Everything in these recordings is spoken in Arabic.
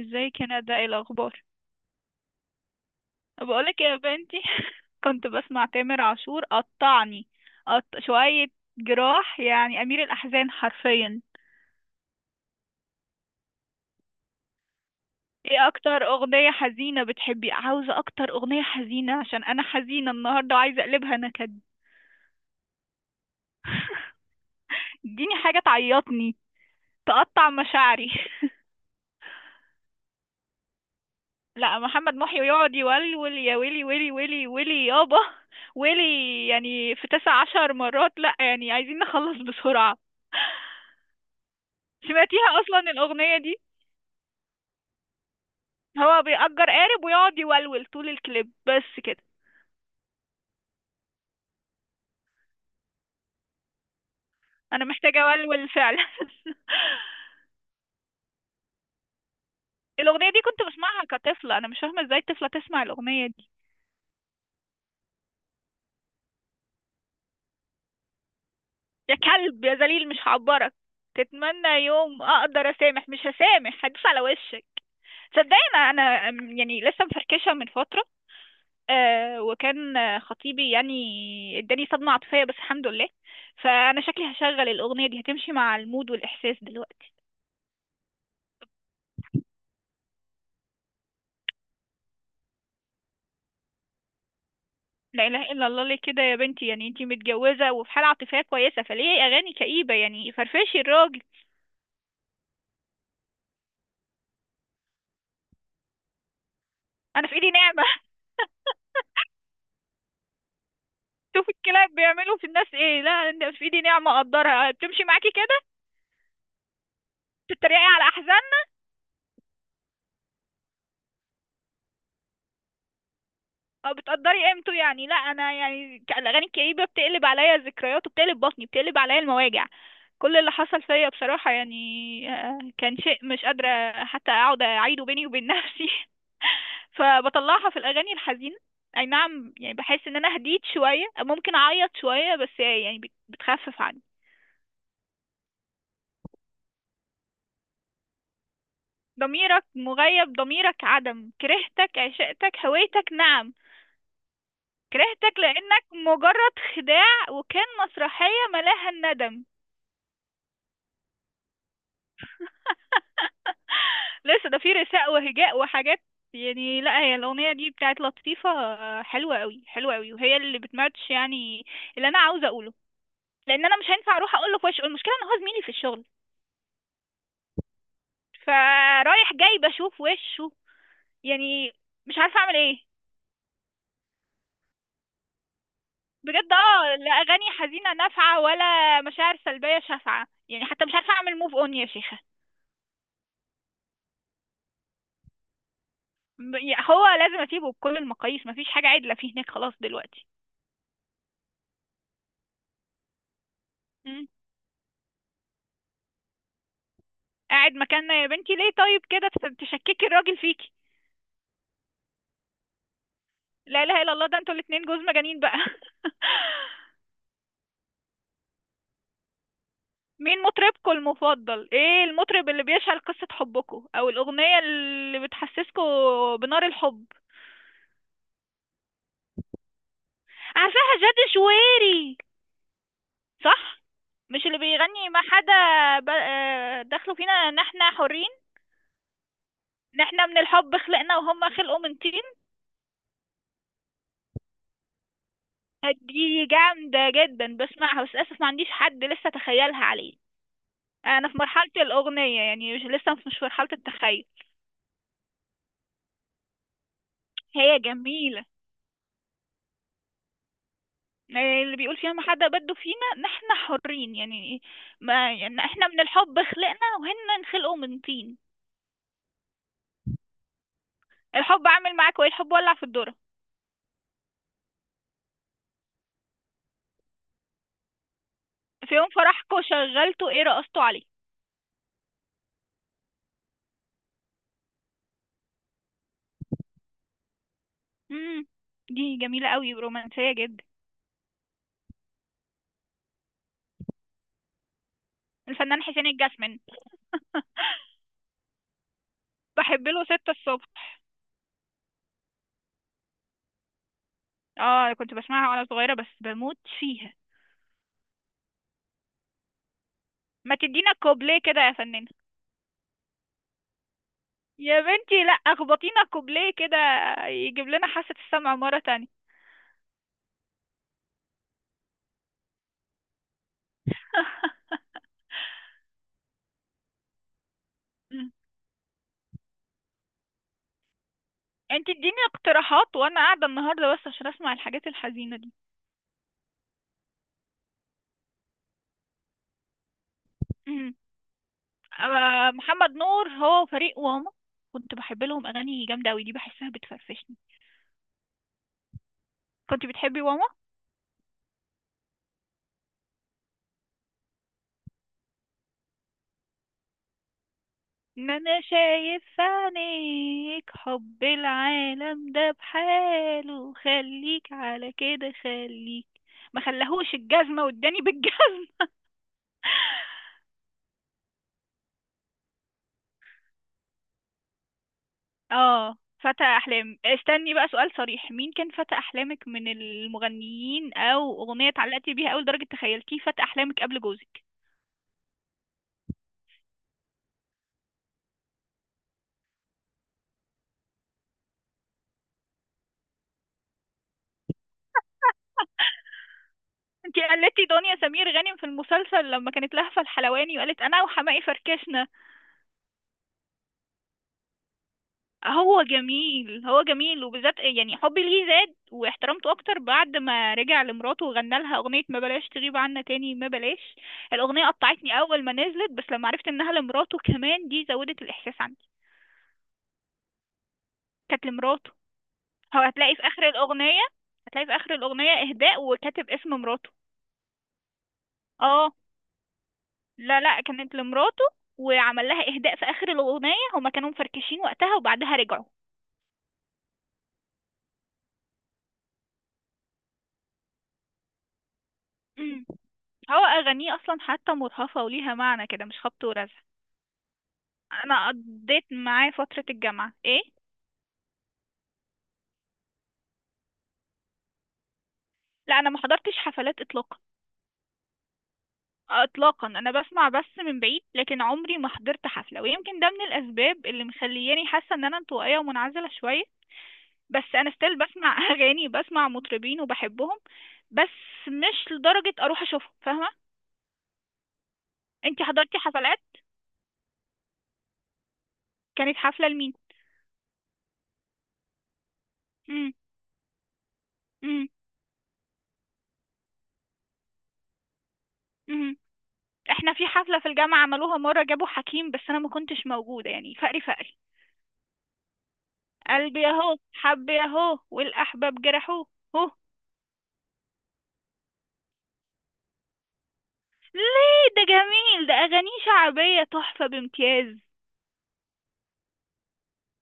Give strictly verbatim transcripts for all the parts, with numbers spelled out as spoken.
ازيك يا ندى؟ ايه الاخبار؟ بقولك يا بنتي، كنت بسمع تامر عاشور، قطعني. قط... شوية جراح، يعني امير الاحزان حرفيا. ايه اكتر اغنية حزينة بتحبي؟ عاوزة اكتر اغنية حزينة عشان انا حزينة النهاردة وعايزة اقلبها نكد. اديني حاجة تعيطني، تقطع مشاعري. لا، محمد محي ويقعد يولول يا ويلي ويلي ويلي ويلي يابا ويلي، يعني في تسعة عشر مرة. لا يعني عايزين نخلص بسرعة. سمعتيها اصلا الاغنيه دي؟ هو بيأجر قارب ويقعد يولول طول الكليب بس كده. انا محتاجه اولول فعلا. الاغنيه دي كنت بسمعها كطفله، انا مش فاهمه ازاي طفله تسمع الاغنيه دي. يا كلب يا ذليل مش هعبرك، تتمنى يوم اقدر اسامح، مش هسامح، هدوس على وشك. صدقني انا انا أم، يعني لسه مفركشه من فتره. آه، وكان آه، خطيبي يعني. اداني صدمه عاطفيه بس الحمد لله. فانا شكلي هشغل الاغنيه دي، هتمشي مع المود والاحساس دلوقتي. لا اله الا الله، ليه كده يا بنتي؟ يعني انتي متجوزه وفي حاله عاطفيه كويسه، فليه اغاني كئيبه؟ يعني فرفشي الراجل. انا في ايدي نعمه. شوفي الكلاب بيعملوا في الناس ايه. لا، انت في ايدي نعمه، اقدرها، بتمشي معاكي كده، بتتريقي على احزان. اه، بتقدري قيمته يعني. لا انا يعني ك- الاغاني الكئيبه بتقلب عليا ذكريات وبتقلب بطني، بتقلب عليا المواجع. كل اللي حصل فيا بصراحه يعني، آه، كان شيء مش قادره حتى اقعد اعيده بيني وبين نفسي. فبطلعها في الاغاني الحزينه. اي نعم، يعني بحس ان انا هديت شويه، ممكن اعيط شويه، بس يعني بت- بتخفف عني. ضميرك مغيب، ضميرك عدم، كرهتك، عشقتك، هويتك، نعم، كرهتك لأنك مجرد خداع، وكان مسرحية ملاها الندم. لسه ده في رثاء وهجاء وحاجات. يعني لا، هي الأغنية دي بتاعت لطيفة، آه، حلوة قوي حلوة قوي، وهي اللي بتماتش يعني اللي أنا عاوزة أقوله. لأن أنا مش هينفع أروح أقول له في وشه، المشكلة إن هو زميلي في الشغل، فرايح جاي بشوف وشه، يعني مش عارفة أعمل إيه. بجد اه، لا أغاني حزينة نافعة ولا مشاعر سلبية شافعة، يعني حتى مش عارفة أعمل موف أون يا شيخة. ب- يعني هو لازم أسيبه بكل المقاييس، مفيش حاجة عدلة فيه هناك خلاص دلوقتي. قاعد مكاننا؟ يا بنتي ليه؟ طيب كده تف- تشككي الراجل فيكي. لا اله الا الله، ده انتوا الاتنين جوز مجانين بقى. مين مطربكم المفضل؟ ايه المطرب اللي بيشعل قصة حبكم او الاغنية اللي بتحسسكم بنار الحب؟ عارفاها جاد شويري، صح؟ مش اللي بيغني ما حدا؟ ب- آه، دخلوا فينا ان احنا حرين، ان احنا من الحب خلقنا وهم خلقوا من طين. دي جامدة جدا، بسمعها بس للأسف ما عنديش حد لسه تخيلها عليه. انا في مرحلة الاغنية، يعني مش لسه، مش في مرحلة التخيل. هي جميلة. يعني اللي بيقول فيها ما حدا بده فينا نحن حرين، يعني ما يعني احنا من الحب خلقنا وهن نخلقوا من طين. الحب عامل معاك وايه، الحب ولع في الدرة. في يوم فرحكوا شغلتوا ايه؟ رقصتوا عليه؟ امم، دي جميلة قوي ورومانسية جدا. الفنان حسين الجسمي، بحب له ستة الصبح. اه، كنت بسمعها وانا صغيرة بس بموت فيها. ما تدينا كوبليه كده يا فنان. يا بنتي لا، اخبطينا كوبليه كده يجيب لنا حاسة السمع مرة تانية. انت اديني اقتراحات وانا قاعدة النهاردة بس عشان اسمع الحاجات الحزينة دي. أمم. آه، محمد نور، هو فريق واما. كنت بحب لهم اغاني جامدة اوي، دي بحسها بتفرفشني. كنت بتحبي واما؟ ان انا شايف في عينيك حب العالم ده بحاله، خليك على كده خليك. ما خلاهوش الجزمة، واداني بالجزمة. اه، فتى احلام. استني بقى، سؤال صريح، مين كان فتى احلامك من المغنيين، او اغنيه اتعلقتي بيها قوي لدرجه تخيلتيه فتى احلامك قبل جوزك؟ انتي قلتي دنيا سمير غانم في المسلسل لما كانت لهفة الحلواني، وقالت انا وحماقي فركشنا. هو جميل، هو جميل، وبالذات يعني حبي ليه زاد واحترامته اكتر بعد ما رجع لمراته وغنى لها اغنية ما بلاش تغيب عنا تاني ما بلاش. الاغنية قطعتني اول ما نزلت، بس لما عرفت انها لمراته كمان دي زودت الاحساس عندي. كانت لمراته. هو هتلاقي في اخر الاغنيه، هتلاقي في اخر الاغنيه اهداء وكاتب اسم مراته. اه. لا لا، كانت لمراته، وعمل لها اهداء في اخر الاغنيه، هما كانوا مفركشين وقتها وبعدها رجعوا. أمم. هو اغانيه اصلا حتى مرهفه وليها معنى كده، مش خبط ورزع. انا قضيت معاه فتره الجامعه ايه. لا انا ما حضرتش حفلات اطلاقا. اطلاقا، انا بسمع بس من بعيد، لكن عمري ما حضرت حفله، ويمكن ده من الاسباب اللي مخلياني حاسه ان انا انطوائيه ومنعزله شويه. بس انا ستيل بسمع اغاني، بسمع مطربين وبحبهم، بس مش لدرجة اروح اشوفهم، فاهمة؟ انتي حضرتي حفلات؟ كانت حفلة لمين؟ مم، مم، مم. احنا في حفلة في الجامعة عملوها مرة، جابوا حكيم، بس انا ما كنتش موجودة، يعني فقري فقري. قلبي اهو، حبي اهو، والاحباب جرحوه. هو ليه؟ ده جميل، ده اغانيه شعبية تحفة بامتياز.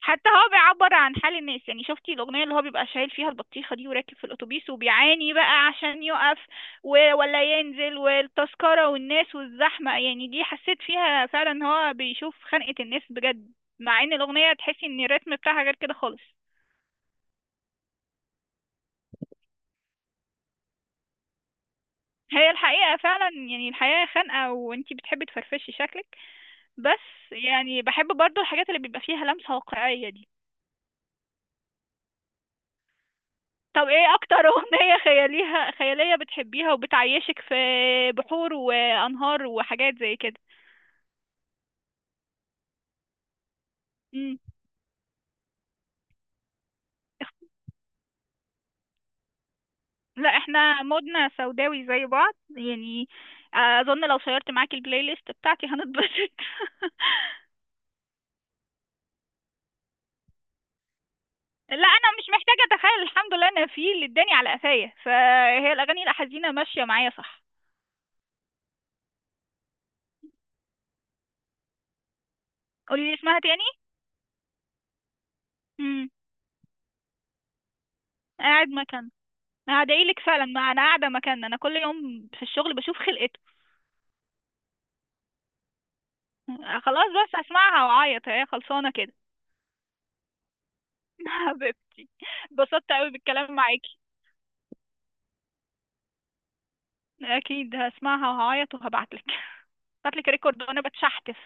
حتى هو بيعبر عن حال الناس، يعني شفتي الأغنية اللي هو بيبقى شايل فيها البطيخة دي وراكب في الأتوبيس وبيعاني بقى عشان يقف، و- ولا ينزل، والتذكرة والناس والزحمة، يعني دي حسيت فيها فعلا إن هو بيشوف خنقة الناس بجد، مع إن الأغنية تحسي إن الريتم بتاعها غير كده خالص. هي الحقيقة فعلا، يعني الحياة خانقة وانتي بتحبي تفرفشي شكلك، بس يعني بحب برضو الحاجات اللي بيبقى فيها لمسة واقعية دي. طب ايه اكتر اغنية خياليها خيالية بتحبيها وبتعيشك في بحور وانهار وحاجات زي كده؟ مم. اخ- لا احنا مودنا سوداوي زي بعض يعني، اظن لو شيرت معاكي البلاي ليست بتاعتي هنتبسط. لا انا مش محتاجة اتخيل، الحمد لله انا في اللي اداني على قفايا، فهي الاغاني الحزينة ماشية معايا، صح. قولي لي اسمها تاني. امم. قاعد مكان، هدعيلك فعلا، ما انا قاعدة مكان، انا كل يوم في الشغل بشوف خلقتكم. خلاص بس هسمعها وأعيط، هي خلصانة كده. حبيبتي، اتبسطت أوي بالكلام معاكي. أكيد هسمعها وهعيط وهبعتلك، هبعتلك ريكورد وأنا بتشحتف.